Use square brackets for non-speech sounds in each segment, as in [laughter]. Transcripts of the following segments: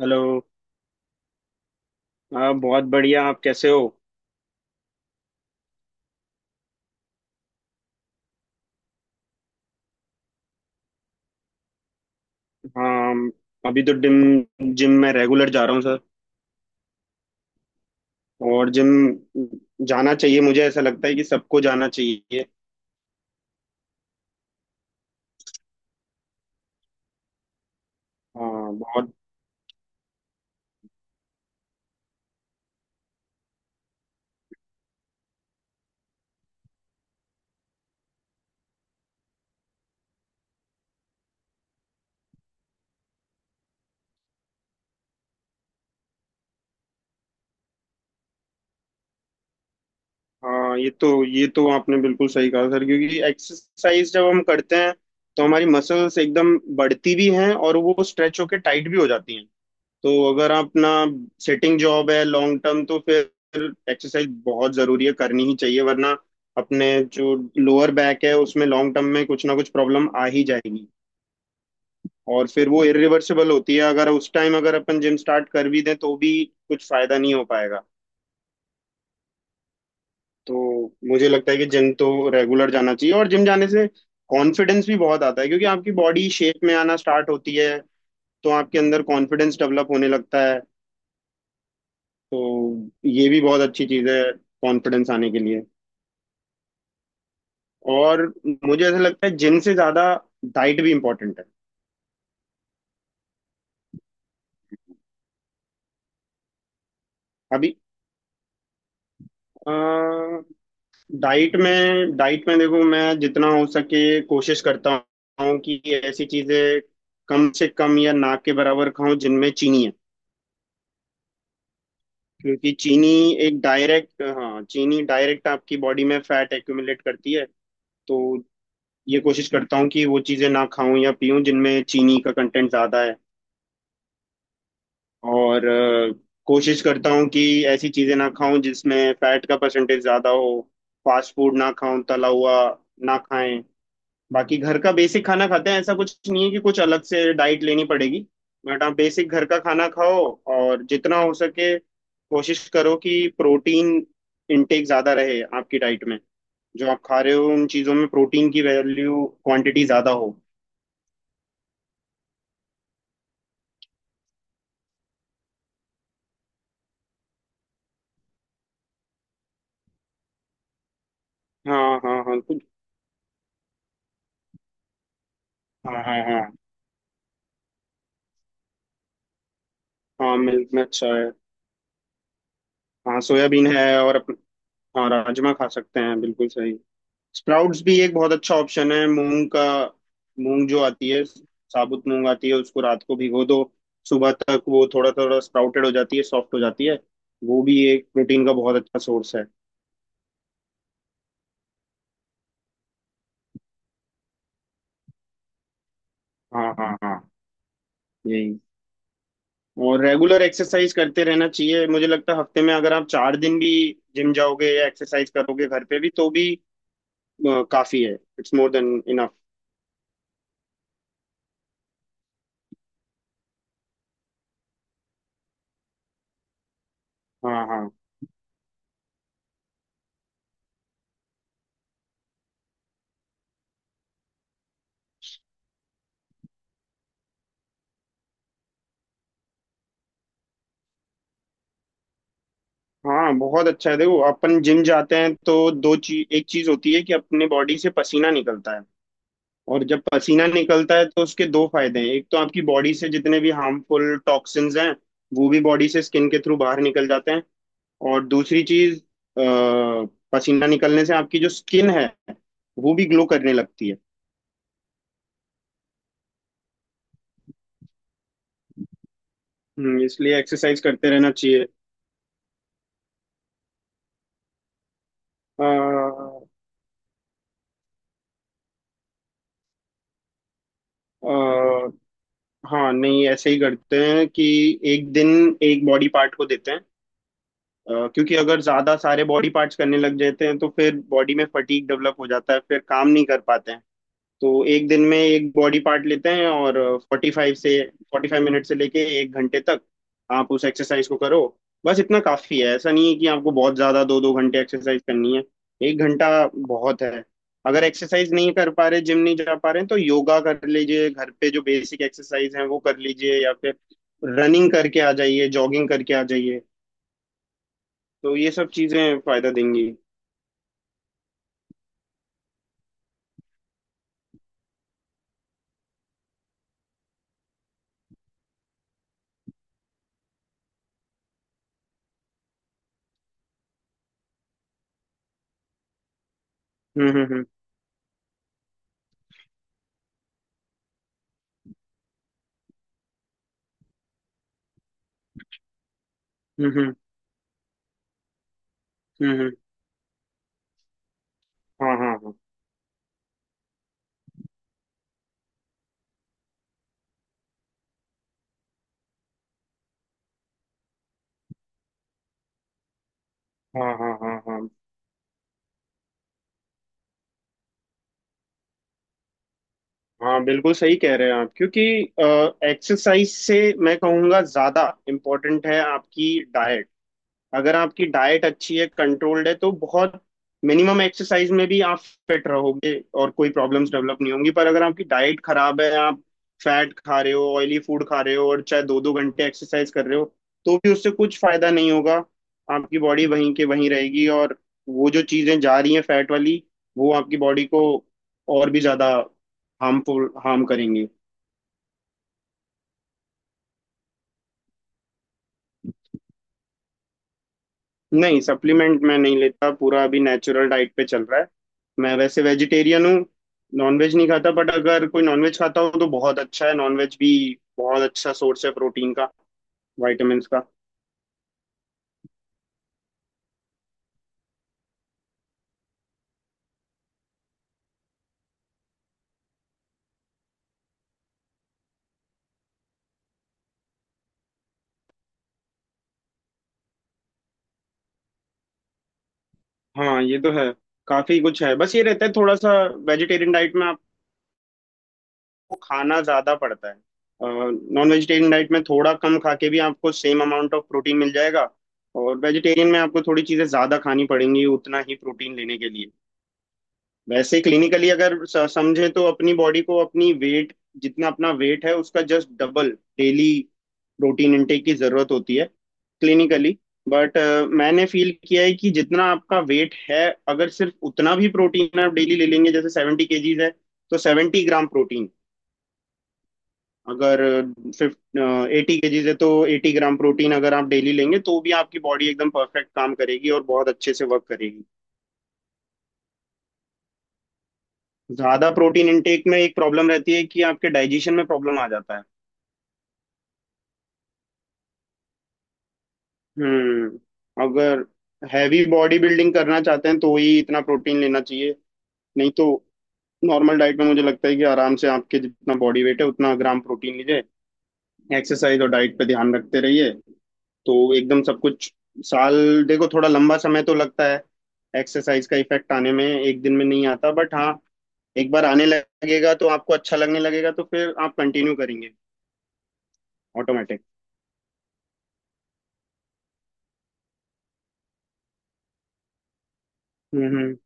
Hello. हाँ, बहुत बढ़िया, आप कैसे हो? हाँ, अभी तो जिम जिम में रेगुलर जा रहा हूँ सर। और जिम जाना चाहिए, मुझे ऐसा लगता है कि सबको जाना चाहिए। हाँ बहुत। हाँ, ये तो आपने बिल्कुल सही कहा सर, क्योंकि एक्सरसाइज जब हम करते हैं तो हमारी मसल्स एकदम बढ़ती भी हैं और वो स्ट्रेच होके टाइट भी हो जाती हैं। तो अगर अपना सिटिंग जॉब है लॉन्ग टर्म, तो फिर एक्सरसाइज बहुत जरूरी है, करनी ही चाहिए, वरना अपने जो लोअर बैक है उसमें लॉन्ग टर्म में कुछ ना कुछ प्रॉब्लम आ ही जाएगी। और फिर वो इरिवर्सिबल होती है, अगर उस टाइम अगर अपन जिम स्टार्ट कर भी दें तो भी कुछ फायदा नहीं हो पाएगा। तो मुझे लगता है कि जिम तो रेगुलर जाना चाहिए, और जिम जाने से कॉन्फिडेंस भी बहुत आता है क्योंकि आपकी बॉडी शेप में आना स्टार्ट होती है, तो आपके अंदर कॉन्फिडेंस डेवलप होने लगता है। तो ये भी बहुत अच्छी चीज है, कॉन्फिडेंस आने के लिए। और मुझे ऐसा लगता है जिम से ज्यादा डाइट भी इम्पोर्टेंट है। अभी डाइट में देखो, मैं जितना हो सके कोशिश करता हूँ कि ऐसी चीजें कम से कम या ना के बराबर खाऊं जिनमें चीनी है। क्योंकि चीनी एक डायरेक्ट, हाँ, चीनी डायरेक्ट आपकी बॉडी में फैट एक्यूमुलेट करती है। तो ये कोशिश करता हूँ कि वो चीजें ना खाऊं या पीऊं जिनमें चीनी का कंटेंट ज्यादा है। और कोशिश करता हूँ कि ऐसी चीजें ना खाऊं जिसमें फैट का परसेंटेज ज्यादा हो, फास्ट फूड ना खाऊं, तला हुआ ना खाएं। बाकी घर का बेसिक खाना खाते हैं, ऐसा कुछ नहीं है कि कुछ अलग से डाइट लेनी पड़ेगी। बट आप बेसिक घर का खाना खाओ, और जितना हो सके कोशिश करो कि प्रोटीन इनटेक ज्यादा रहे आपकी डाइट में, जो आप खा रहे हो उन चीजों में प्रोटीन की वैल्यू क्वांटिटी ज्यादा हो। हाँ, हाँ, हाँ, हाँ, हाँ, हाँ। हाँ, मिल्क में अच्छा है। हाँ, सोयाबीन है, और हाँ, राजमा खा सकते हैं, बिल्कुल सही। स्प्राउट्स भी एक बहुत अच्छा ऑप्शन है, मूंग का। मूंग जो आती है, साबुत मूंग आती है, उसको रात को भिगो दो, सुबह तक वो थोड़ा थोड़ा स्प्राउटेड हो जाती है, सॉफ्ट हो जाती है। वो भी एक प्रोटीन का बहुत अच्छा सोर्स है। हाँ, हाँ, हाँ। यही, और रेगुलर एक्सरसाइज करते रहना चाहिए। मुझे लगता है हफ्ते में अगर आप 4 दिन भी जिम जाओगे या एक्सरसाइज करोगे घर पे भी, तो भी काफी है। It's more than enough. हाँ, हाँ, हाँ, बहुत अच्छा है। देखो, अपन जिम जाते हैं तो दो चीज, एक चीज होती है कि अपने बॉडी से पसीना निकलता है, और जब पसीना निकलता है तो उसके दो फायदे हैं। एक तो आपकी बॉडी से जितने भी हार्मफुल टॉक्सिन्स हैं, वो भी बॉडी से स्किन के थ्रू बाहर निकल जाते हैं। और दूसरी चीज, अ, पसीना निकलने से आपकी जो स्किन है वो भी ग्लो करने लगती है। इसलिए एक्सरसाइज करते रहना चाहिए। आ, हाँ, नहीं, ऐसे ही करते हैं कि एक दिन एक बॉडी पार्ट को देते हैं। क्योंकि अगर ज्यादा सारे बॉडी पार्ट्स करने लग जाते हैं तो फिर बॉडी में फटीग डेवलप हो जाता है, फिर काम नहीं कर पाते हैं। तो एक दिन में एक बॉडी पार्ट लेते हैं, और फोर्टी फाइव से 45 मिनट से लेके एक घंटे तक आप उस एक्सरसाइज को करो। बस इतना काफी है, ऐसा नहीं है कि आपको बहुत ज्यादा 2-2 घंटे एक्सरसाइज करनी है। एक घंटा बहुत है। अगर एक्सरसाइज नहीं कर पा रहे, जिम नहीं जा पा रहे हैं, तो योगा कर लीजिए, घर पे जो बेसिक एक्सरसाइज है वो कर लीजिए, या फिर रनिंग करके आ जाइए, जॉगिंग करके आ जाइए। तो ये सब चीजें फायदा देंगी। हम्म, हम्म, हम्म, हम्म, हम्म, हाँ, हाँ, हाँ, हाँ, हाँ, हाँ, हाँ, हाँ, बिल्कुल सही कह रहे हैं आप, क्योंकि एक्सरसाइज से मैं कहूँगा ज्यादा इम्पोर्टेंट है आपकी डाइट। अगर आपकी डाइट अच्छी है, कंट्रोल्ड है, तो बहुत मिनिमम एक्सरसाइज में भी आप फिट रहोगे और कोई प्रॉब्लम्स डेवलप नहीं होंगी। पर अगर आपकी डाइट खराब है, आप फैट खा रहे हो, ऑयली फूड खा रहे हो, और चाहे 2-2 घंटे एक्सरसाइज कर रहे हो, तो भी उससे कुछ फायदा नहीं होगा। आपकी बॉडी वहीं के वहीं रहेगी, और वो जो चीजें जा रही हैं फैट वाली, वो आपकी बॉडी को और भी ज्यादा हार्मफुल हार्म करेंगी। नहीं, सप्लीमेंट मैं नहीं लेता, पूरा अभी नेचुरल डाइट पे चल रहा है। मैं वैसे वेजिटेरियन हूँ, नॉनवेज नहीं खाता। बट अगर कोई नॉनवेज खाता हो तो बहुत अच्छा है, नॉनवेज भी बहुत अच्छा सोर्स है प्रोटीन का, विटामिन्स का। हाँ ये तो है, काफी कुछ है। बस ये रहता है थोड़ा सा, वेजिटेरियन डाइट में आपको खाना ज्यादा पड़ता है। नॉन वेजिटेरियन डाइट में थोड़ा कम खा के भी आपको सेम अमाउंट ऑफ प्रोटीन मिल जाएगा, और वेजिटेरियन में आपको थोड़ी चीजें ज्यादा खानी पड़ेंगी उतना ही प्रोटीन लेने के लिए। वैसे क्लिनिकली अगर समझे तो अपनी बॉडी को, अपनी वेट, जितना अपना वेट है उसका just double daily protein intake की जरूरत होती है, क्लिनिकली। बट मैंने फील किया है कि जितना आपका वेट है अगर सिर्फ उतना भी प्रोटीन आप डेली ले लेंगे, जैसे 70 kg है तो 70 ग्राम प्रोटीन, अगर फिफ्ट 80 kg है तो 80 ग्राम प्रोटीन अगर आप डेली लेंगे, तो भी आपकी बॉडी एकदम परफेक्ट काम करेगी और बहुत अच्छे से वर्क करेगी। ज्यादा प्रोटीन इंटेक में एक प्रॉब्लम रहती है कि आपके डाइजेशन में प्रॉब्लम आ जाता है। अगर हैवी बॉडी बिल्डिंग करना चाहते हैं तो ही इतना प्रोटीन लेना चाहिए, नहीं तो नॉर्मल डाइट में मुझे लगता है कि आराम से आपके जितना बॉडी वेट है उतना ग्राम प्रोटीन लीजिए। एक्सरसाइज और डाइट पे ध्यान रखते रहिए तो एकदम सब कुछ। साल, देखो थोड़ा लंबा समय तो लगता है, एक्सरसाइज का इफेक्ट आने में, एक दिन में नहीं आता। बट हाँ, एक बार आने लगेगा तो आपको अच्छा लगने लगेगा तो फिर आप कंटिन्यू करेंगे ऑटोमेटिक। Hmm,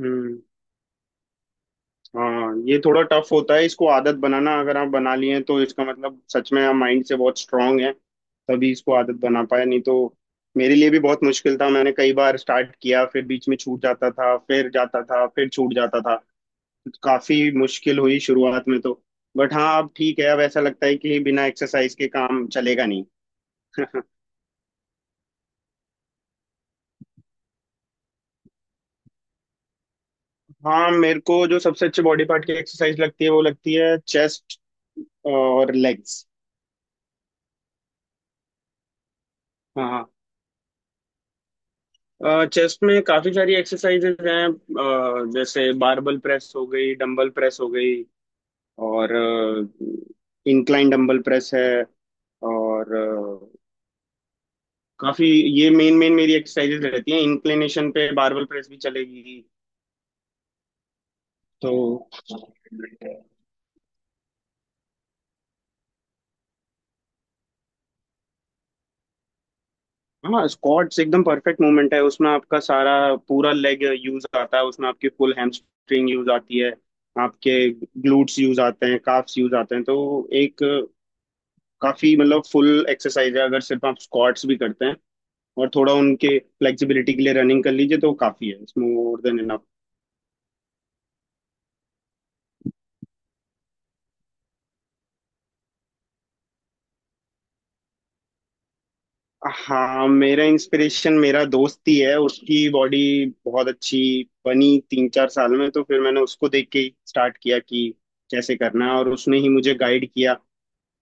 hmm. हाँ, ये थोड़ा टफ होता है इसको आदत बनाना। अगर आप बना लिए हैं तो इसका मतलब सच में आप माइंड से बहुत स्ट्रांग हैं, तभी इसको आदत बना पाया। नहीं तो मेरे लिए भी बहुत मुश्किल था, मैंने कई बार स्टार्ट किया, फिर बीच में छूट जाता था, फिर जाता था, फिर छूट जाता था। काफी मुश्किल हुई शुरुआत में तो। बट हाँ, अब ठीक है, अब ऐसा लगता है कि बिना एक्सरसाइज के काम चलेगा नहीं। [laughs] हाँ, मेरे को जो सबसे अच्छी बॉडी पार्ट की एक्सरसाइज लगती है वो लगती है चेस्ट और लेग्स। चेस्ट में काफी सारी एक्सरसाइजेज हैं, जैसे बारबल प्रेस हो गई, डंबल प्रेस हो गई, और इंक्लाइन डंबल प्रेस है। और काफी, ये मेन मेन मेरी एक्सरसाइजेज रहती हैं। इंक्लिनेशन पे बारबल प्रेस भी चलेगी तो। हाँ, स्क्वाट्स एकदम परफेक्ट मूवमेंट है, उसमें आपका सारा पूरा लेग यूज आता है, उसमें आपकी फुल हैमस्ट्रिंग यूज आती है, आपके ग्लूट्स यूज आते हैं, काफ्स यूज आते हैं। तो एक काफी मतलब फुल एक्सरसाइज है अगर सिर्फ आप स्क्वाट्स भी करते हैं, और थोड़ा उनके फ्लेक्सिबिलिटी के लिए रनिंग कर लीजिए तो काफी है, इट्स मोर देन इनफ। हाँ, मेरा इंस्पिरेशन मेरा दोस्त ही है, उसकी बॉडी बहुत अच्छी बनी 3-4 साल में, तो फिर मैंने उसको देख के ही स्टार्ट किया कि कैसे करना है, और उसने ही मुझे गाइड किया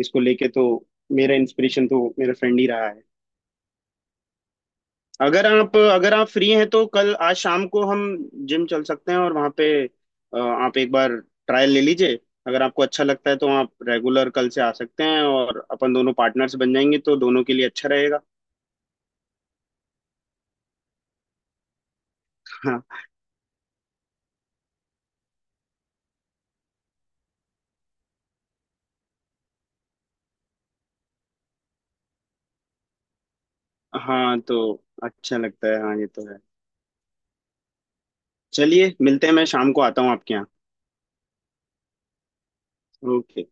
इसको लेके। तो मेरा इंस्पिरेशन तो मेरा फ्रेंड ही रहा है। अगर आप फ्री हैं तो कल आज शाम को हम जिम चल सकते हैं, और वहाँ पे आप एक बार ट्रायल ले लीजिए। अगर आपको अच्छा लगता है तो आप रेगुलर कल से आ सकते हैं, और अपन दोनों पार्टनर्स बन जाएंगे, तो दोनों के लिए अच्छा रहेगा। हाँ, हाँ, तो अच्छा लगता है, हाँ ये तो है। चलिए, मिलते हैं, मैं शाम को आता हूँ आपके यहाँ। ओके।